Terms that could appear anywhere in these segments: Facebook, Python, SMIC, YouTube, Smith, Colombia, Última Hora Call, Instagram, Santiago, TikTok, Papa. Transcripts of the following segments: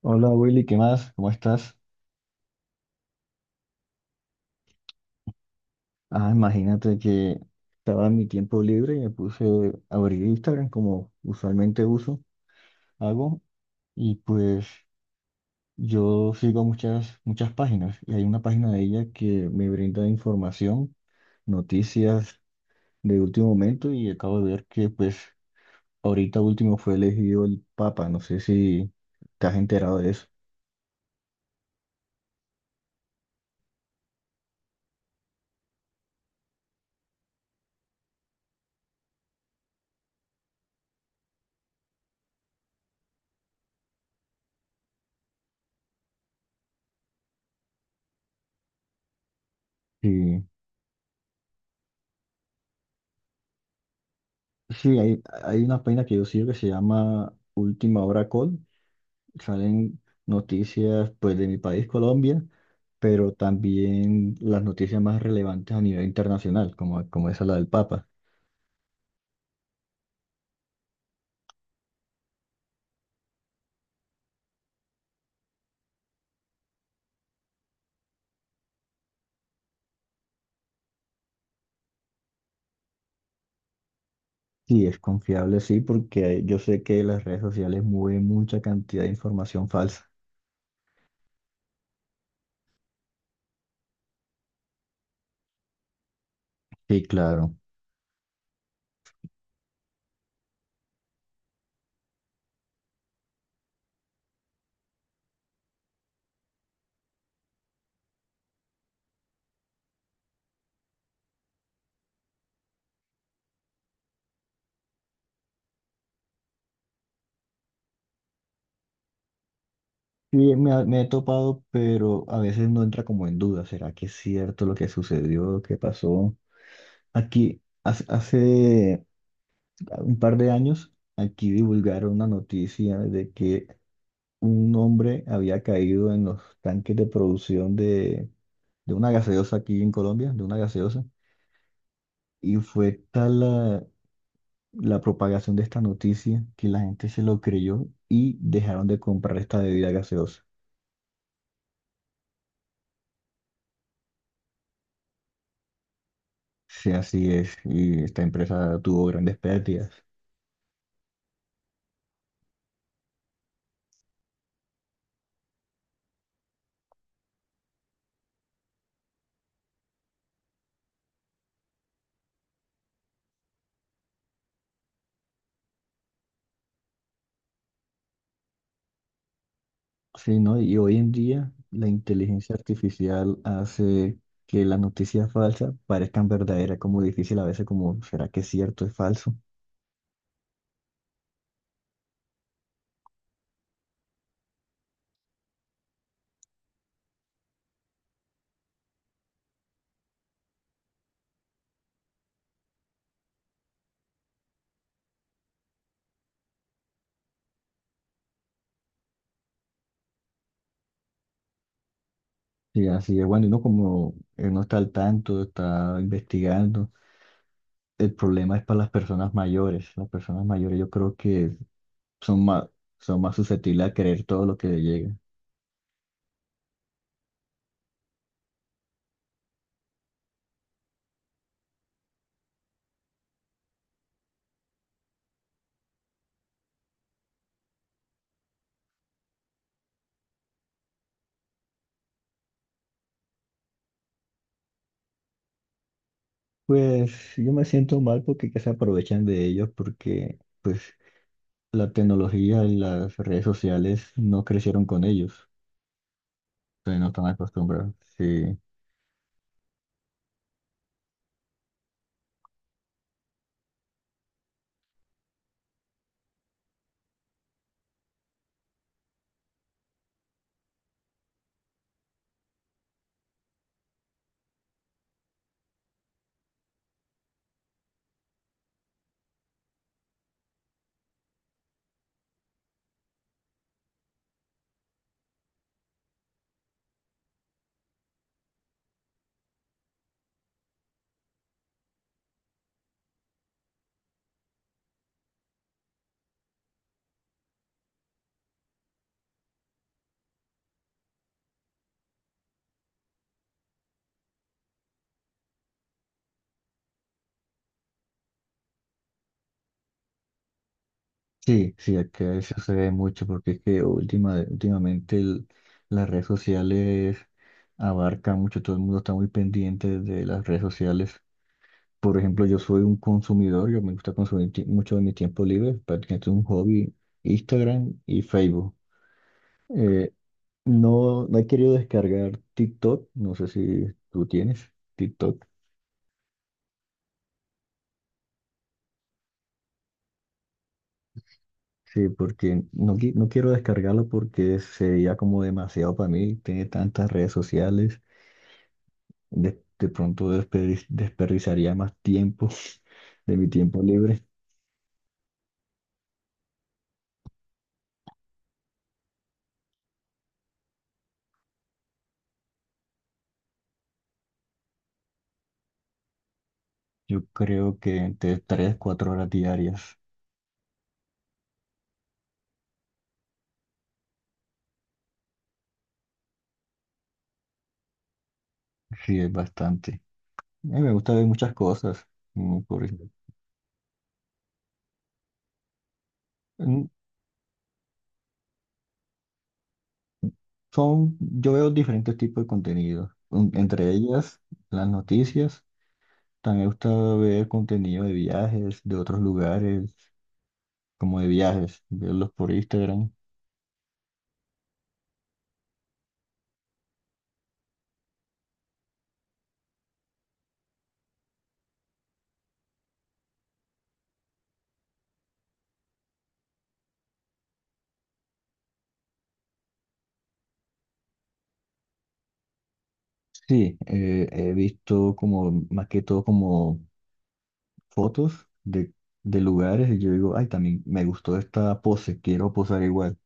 Hola Willy, ¿qué más? ¿Cómo estás? Ah, imagínate que estaba en mi tiempo libre y me puse a abrir Instagram como usualmente uso, hago, y pues yo sigo muchas, muchas páginas y hay una página de ella que me brinda información, noticias de último momento y acabo de ver que pues ahorita último fue elegido el Papa, no sé si te has enterado de eso. Sí, sí, hay una página que yo sigo que se llama Última Hora Call salen noticias pues de mi país, Colombia, pero también las noticias más relevantes a nivel internacional, como, como esa la del Papa. Sí, es confiable, sí, porque yo sé que las redes sociales mueven mucha cantidad de información falsa. Sí, claro. Sí, me he topado, pero a veces no entra como en duda. ¿Será que es cierto lo que sucedió, lo que pasó? Aquí, hace un par de años, aquí divulgaron una noticia de que un hombre había caído en los tanques de producción de una gaseosa aquí en Colombia, de una gaseosa, y fue tal la propagación de esta noticia que la gente se lo creyó y dejaron de comprar esta bebida gaseosa. Sí, así es, y esta empresa tuvo grandes pérdidas. Sí, ¿no? Y hoy en día la inteligencia artificial hace que las noticias falsas parezcan verdaderas, como difícil a veces, como, ¿será que es cierto, es falso? Sí, así es. Bueno, y uno como no está al tanto, está investigando. El problema es para las personas mayores. Las personas mayores yo creo que son más, son más susceptibles a creer todo lo que les llega. Pues yo me siento mal porque que se aprovechan de ellos porque pues la tecnología y las redes sociales no crecieron con ellos. Entonces no están acostumbrados. Sí. Sí, sí, acá eso se ve mucho porque es que últimamente las redes sociales abarcan mucho, todo el mundo está muy pendiente de las redes sociales. Por ejemplo, yo soy un consumidor, yo me gusta consumir mucho de mi tiempo libre, prácticamente un hobby, Instagram y Facebook. Eh, no he querido descargar TikTok, no sé si tú tienes TikTok. Sí, porque no quiero descargarlo porque sería como demasiado para mí, tiene tantas redes sociales. De pronto desperdiciaría más tiempo de mi tiempo libre. Yo creo que entre 3, 4 horas diarias, sí es bastante. A mí me gusta ver muchas cosas. Por ejemplo, mm, yo veo diferentes tipos de contenido. Entre ellas, las noticias. También me gusta ver contenido de viajes, de otros lugares, como de viajes, verlos por Instagram. Sí, he visto como, más que todo como fotos de lugares y yo digo, ay, también me gustó esta pose, quiero posar igual.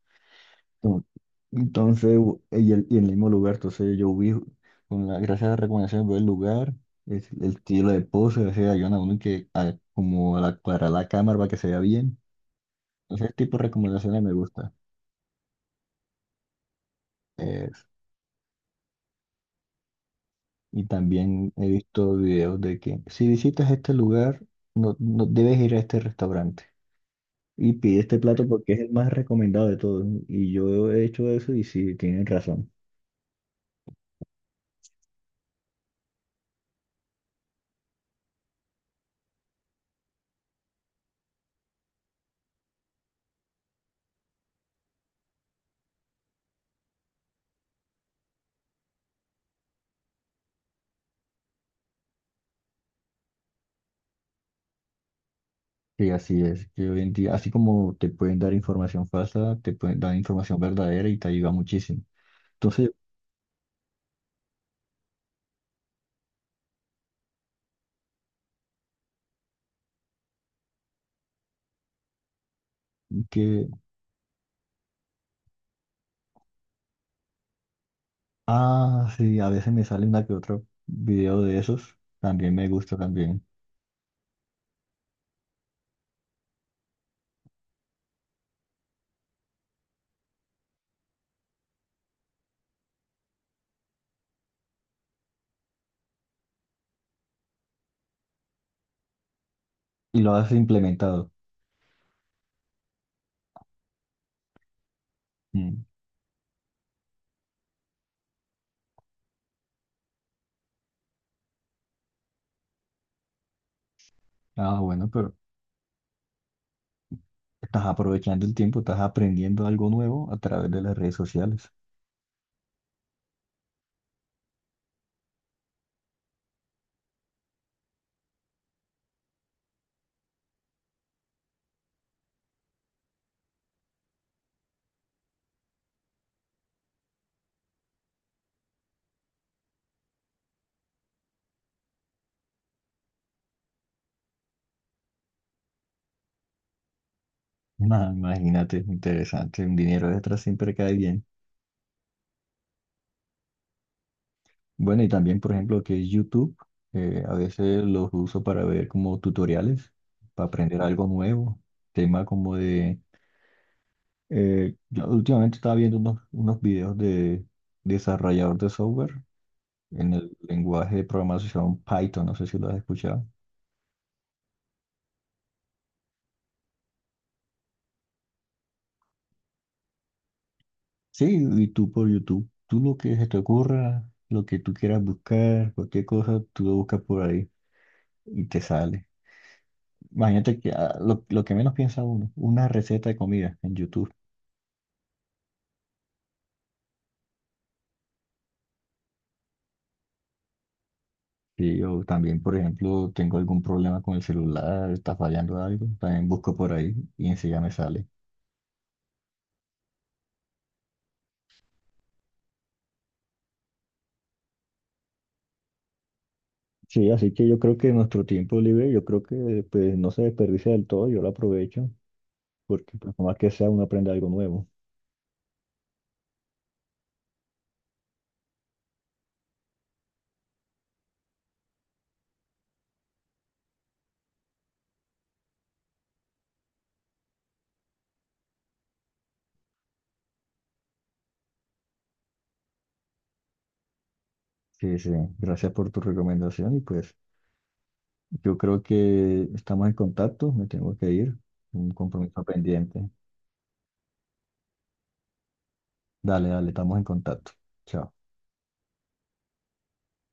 Ento- Entonces, y en el mismo lugar, entonces yo vi, con la, gracias a las recomendaciones, veo el lugar, estilo de pose, o sea, ayudan a uno que como aclarar la cámara para que se vea bien. Ese tipo de recomendaciones me gusta. Es- y también he visto videos de que si visitas este lugar, no, no debes ir a este restaurante. Y pide este plato porque es el más recomendado de todos. Y yo he hecho eso y sí, tienen razón. Sí, así es. Que hoy en día, así como te pueden dar información falsa, te pueden dar información verdadera y te ayuda muchísimo. Entonces, que, ah, sí, a veces me sale una que otro video de esos, también me gusta también. Y lo has implementado. Mm. Ah, bueno, pero estás aprovechando el tiempo, estás aprendiendo algo nuevo a través de las redes sociales. Ah, imagínate, interesante, un dinero extra siempre cae bien. Bueno, y también, por ejemplo, que es YouTube, a veces los uso para ver como tutoriales, para aprender algo nuevo, tema como yo últimamente estaba viendo unos videos de desarrollador de software en el lenguaje de programación Python, no sé si lo has escuchado. Sí, y tú por YouTube, tú lo que se te ocurra, lo que tú quieras buscar, cualquier cosa, tú lo buscas por ahí y te sale. Imagínate que ah, lo que menos piensa uno, una receta de comida en YouTube. Sí, yo también, por ejemplo, tengo algún problema con el celular, está fallando algo, también busco por ahí y enseguida me sale. Sí, así que yo creo que nuestro tiempo libre, yo creo que pues no se desperdicia del todo, yo lo aprovecho, porque pues, por más que sea, uno aprende algo nuevo. Sí, sí, gracias por tu recomendación y pues yo creo que estamos en contacto, me tengo que ir, un compromiso pendiente. Dale, dale, estamos en contacto. Chao.